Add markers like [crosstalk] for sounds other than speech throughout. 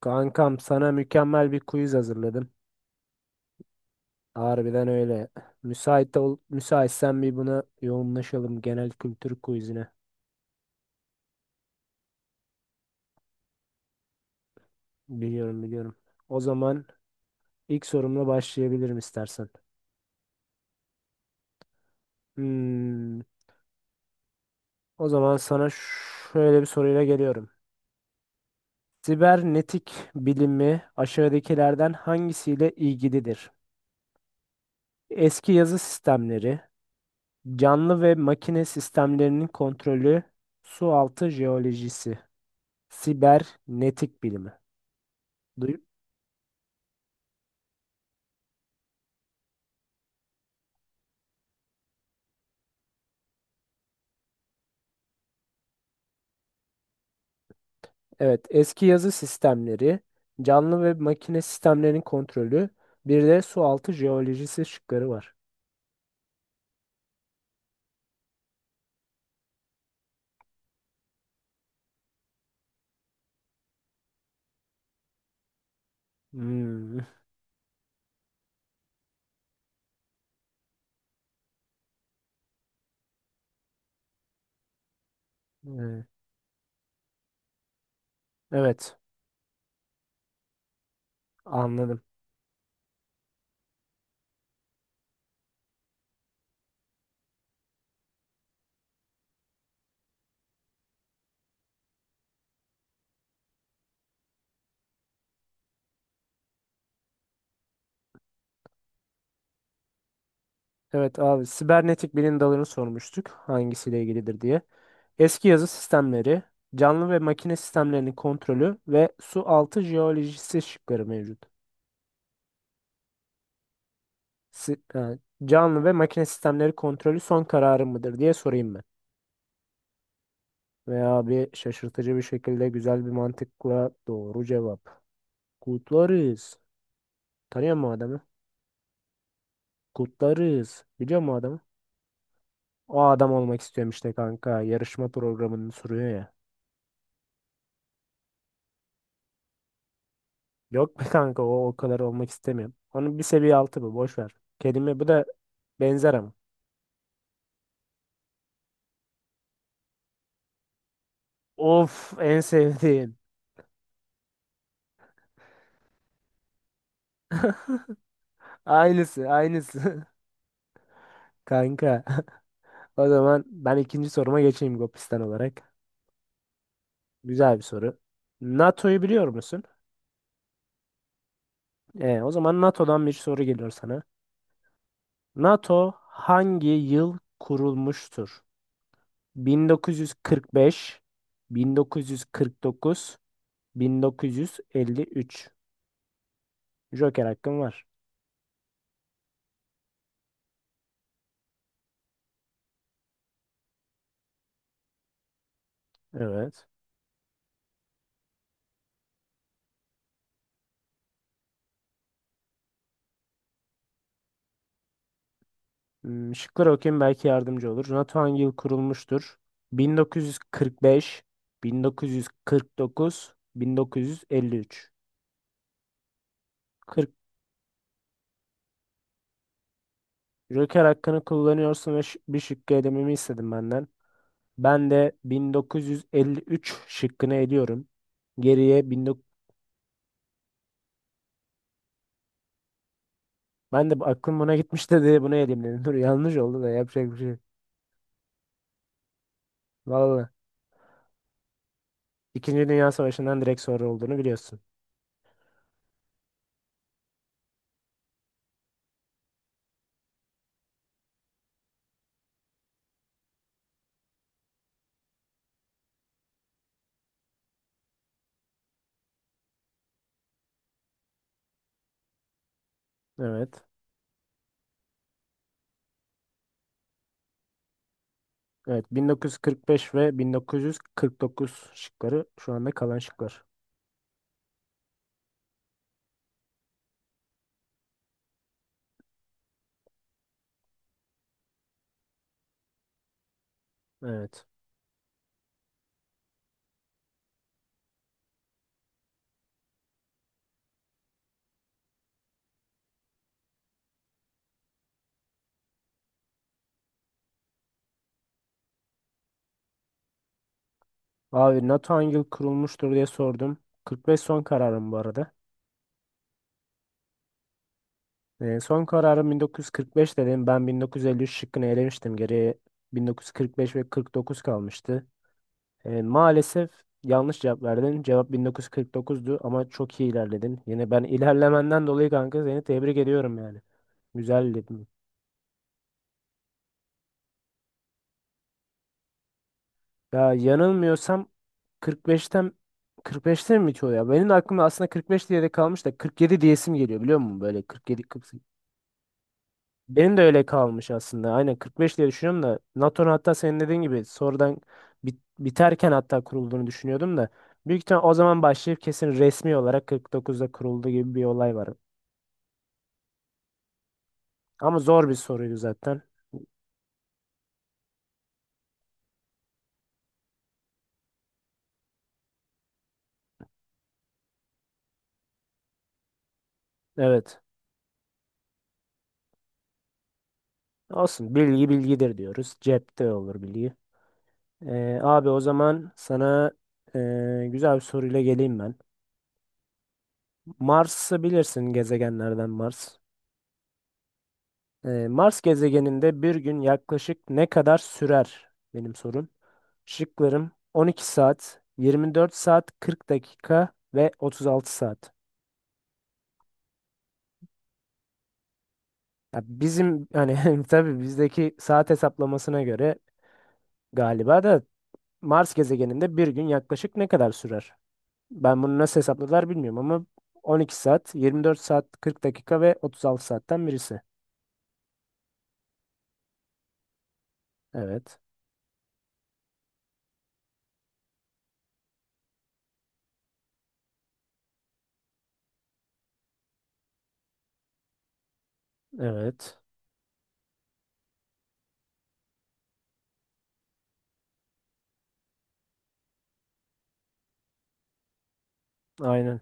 Kankam sana mükemmel bir quiz hazırladım. Harbiden öyle. Müsait ol, müsaitsen bir buna yoğunlaşalım genel kültür quizine. Biliyorum biliyorum. O zaman ilk sorumla başlayabilirim istersen. Hmm, o zaman sana şöyle bir soruyla geliyorum. Sibernetik bilimi aşağıdakilerden hangisiyle ilgilidir? Eski yazı sistemleri, canlı ve makine sistemlerinin kontrolü, su altı jeolojisi. Sibernetik bilimi. Duy- Evet, eski yazı sistemleri, canlı ve makine sistemlerinin kontrolü, bir de su altı jeolojisi şıkları var. Hmm, evet, evet, anladım. Evet abi, sibernetik bilim dalını sormuştuk hangisiyle ilgilidir diye. Eski yazı sistemleri, canlı ve makine sistemlerinin kontrolü ve su altı jeolojisi şıkları mevcut. Si- e, canlı ve makine sistemleri kontrolü son kararı mıdır diye sorayım. Veya bir şaşırtıcı bir şekilde güzel bir mantıkla doğru cevap. Kutlarız. Tanıyor mu adamı? Kutlarız. Biliyor mu adamı? O adam olmak istiyorum işte kanka. Yarışma programını sürüyor ya. Yok be kanka o, o kadar olmak istemiyorum. Onun bir seviye altı bu. Boş ver. Kelime bu da benzer ama. Of en sevdiğim. Aynısı aynısı. [laughs] Kanka [laughs] o zaman ben ikinci soruma geçeyim Gopistan olarak. Güzel bir soru. NATO'yu biliyor musun? O zaman NATO'dan bir soru geliyor sana. NATO hangi yıl kurulmuştur? 1945, 1949, 1953. Joker hakkın var. Evet. Şıkları okuyayım belki yardımcı olur. NATO hangi yıl kurulmuştur? 1945, 1949, 1953. 40. Joker hakkını kullanıyorsun ve bir şıkkı elememi istedim benden. Ben de 1953 şıkkını eliyorum. Geriye 19... Ben de aklım buna gitmişti diye bunu eleyim dedim. [laughs] Dur yanlış oldu da yapacak bir şey yok. Vallahi. İkinci Dünya Savaşı'ndan direkt sonra olduğunu biliyorsun. Evet. Evet 1945 ve 1949 şıkları şu anda kalan şıklar. Evet. Abi NATO hangi yıl kurulmuştur diye sordum. 45 son kararım bu arada. Son kararım 1945 dedim. Ben 1953 şıkkını elemiştim. Geriye 1945 ve 49 kalmıştı. Maalesef yanlış cevap verdin. Cevap 1949'du ama çok iyi ilerledin. Yine ben ilerlemenden dolayı kanka seni tebrik ediyorum yani. Güzel dedin. Ya yanılmıyorsam 45'ten 45'te mi bitiyor ya? Benim de aklımda aslında 45 diye de kalmış da 47 diyesim geliyor biliyor musun? Böyle 47 48. Benim de öyle kalmış aslında. Aynen 45 diye düşünüyorum da NATO'nun hatta senin dediğin gibi sonradan biterken hatta kurulduğunu düşünüyordum da büyük ihtimal o zaman başlayıp kesin resmi olarak 49'da kuruldu gibi bir olay var. Ama zor bir soruydu zaten. Evet. Olsun. Bilgi bilgidir diyoruz. Cepte olur bilgi. Abi o zaman sana güzel bir soruyla geleyim ben. Mars'ı bilirsin gezegenlerden Mars. Mars gezegeninde bir gün yaklaşık ne kadar sürer? Benim sorum. Şıklarım 12 saat, 24 saat, 40 dakika ve 36 saat. Ya bizim hani [laughs] tabii bizdeki saat hesaplamasına göre galiba da Mars gezegeninde bir gün yaklaşık ne kadar sürer? Ben bunu nasıl hesapladılar bilmiyorum ama 12 saat, 24 saat, 40 dakika ve 36 saatten birisi. Evet, evet, aynen.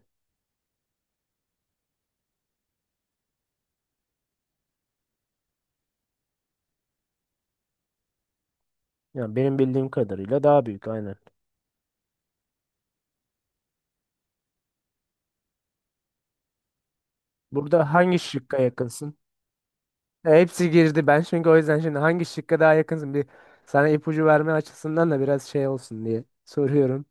Yani benim bildiğim kadarıyla daha büyük, aynen. Burada hangi şıkka yakınsın? Hepsi girdi. Ben çünkü o yüzden şimdi hangi şıkka daha yakınsın? Bir sana ipucu verme açısından da biraz şey olsun diye soruyorum.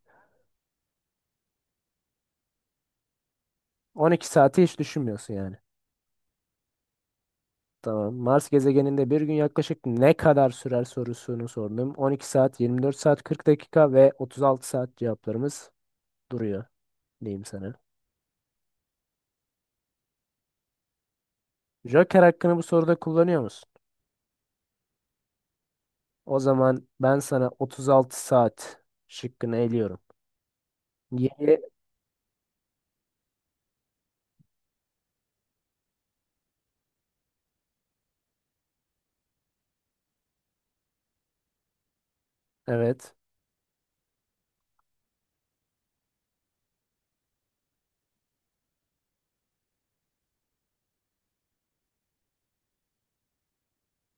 12 saati hiç düşünmüyorsun yani. Tamam. Mars gezegeninde bir gün yaklaşık ne kadar sürer sorusunu sordum. 12 saat, 24 saat, 40 dakika ve 36 saat cevaplarımız duruyor diyeyim sana. Joker hakkını bu soruda kullanıyor musun? O zaman ben sana 36 saat şıkkını eliyorum. Yeni, evet,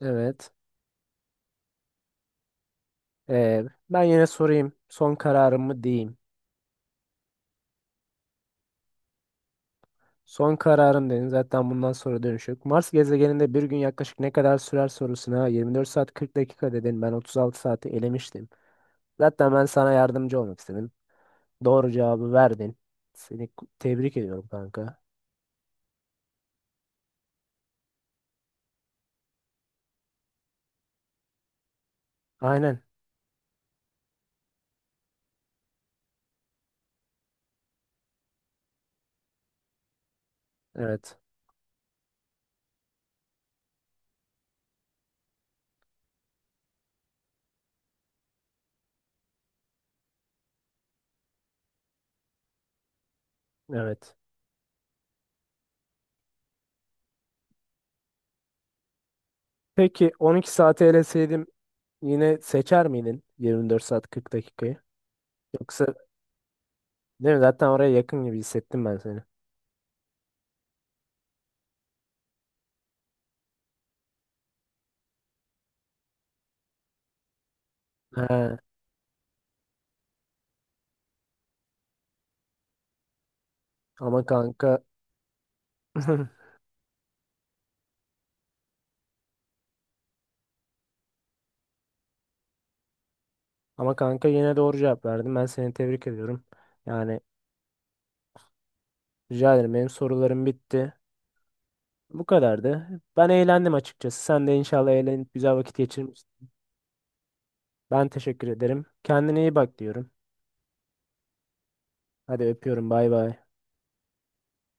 evet. Ee, ben yine sorayım. Son kararımı diyeyim. Son kararım dedin. Zaten bundan sonra dönüş yok. Mars gezegeninde bir gün yaklaşık ne kadar sürer sorusuna 24 saat 40 dakika dedin. Ben 36 saati elemiştim. Zaten ben sana yardımcı olmak istedim. Doğru cevabı verdin. Seni tebrik ediyorum kanka. Aynen. Evet. Evet. Peki 12 saate eleseydim yine seçer miydin 24 saat 40 dakikayı? Yoksa değil mi? Zaten oraya yakın gibi hissettim ben seni. He, ama kanka [laughs] ama kanka yine doğru cevap verdin. Ben seni tebrik ediyorum. Yani rica ederim benim sorularım bitti. Bu kadardı. Ben eğlendim açıkçası. Sen de inşallah eğlenip güzel vakit geçirmişsin. Ben teşekkür ederim. Kendine iyi bak diyorum. Hadi öpüyorum. Bay bay.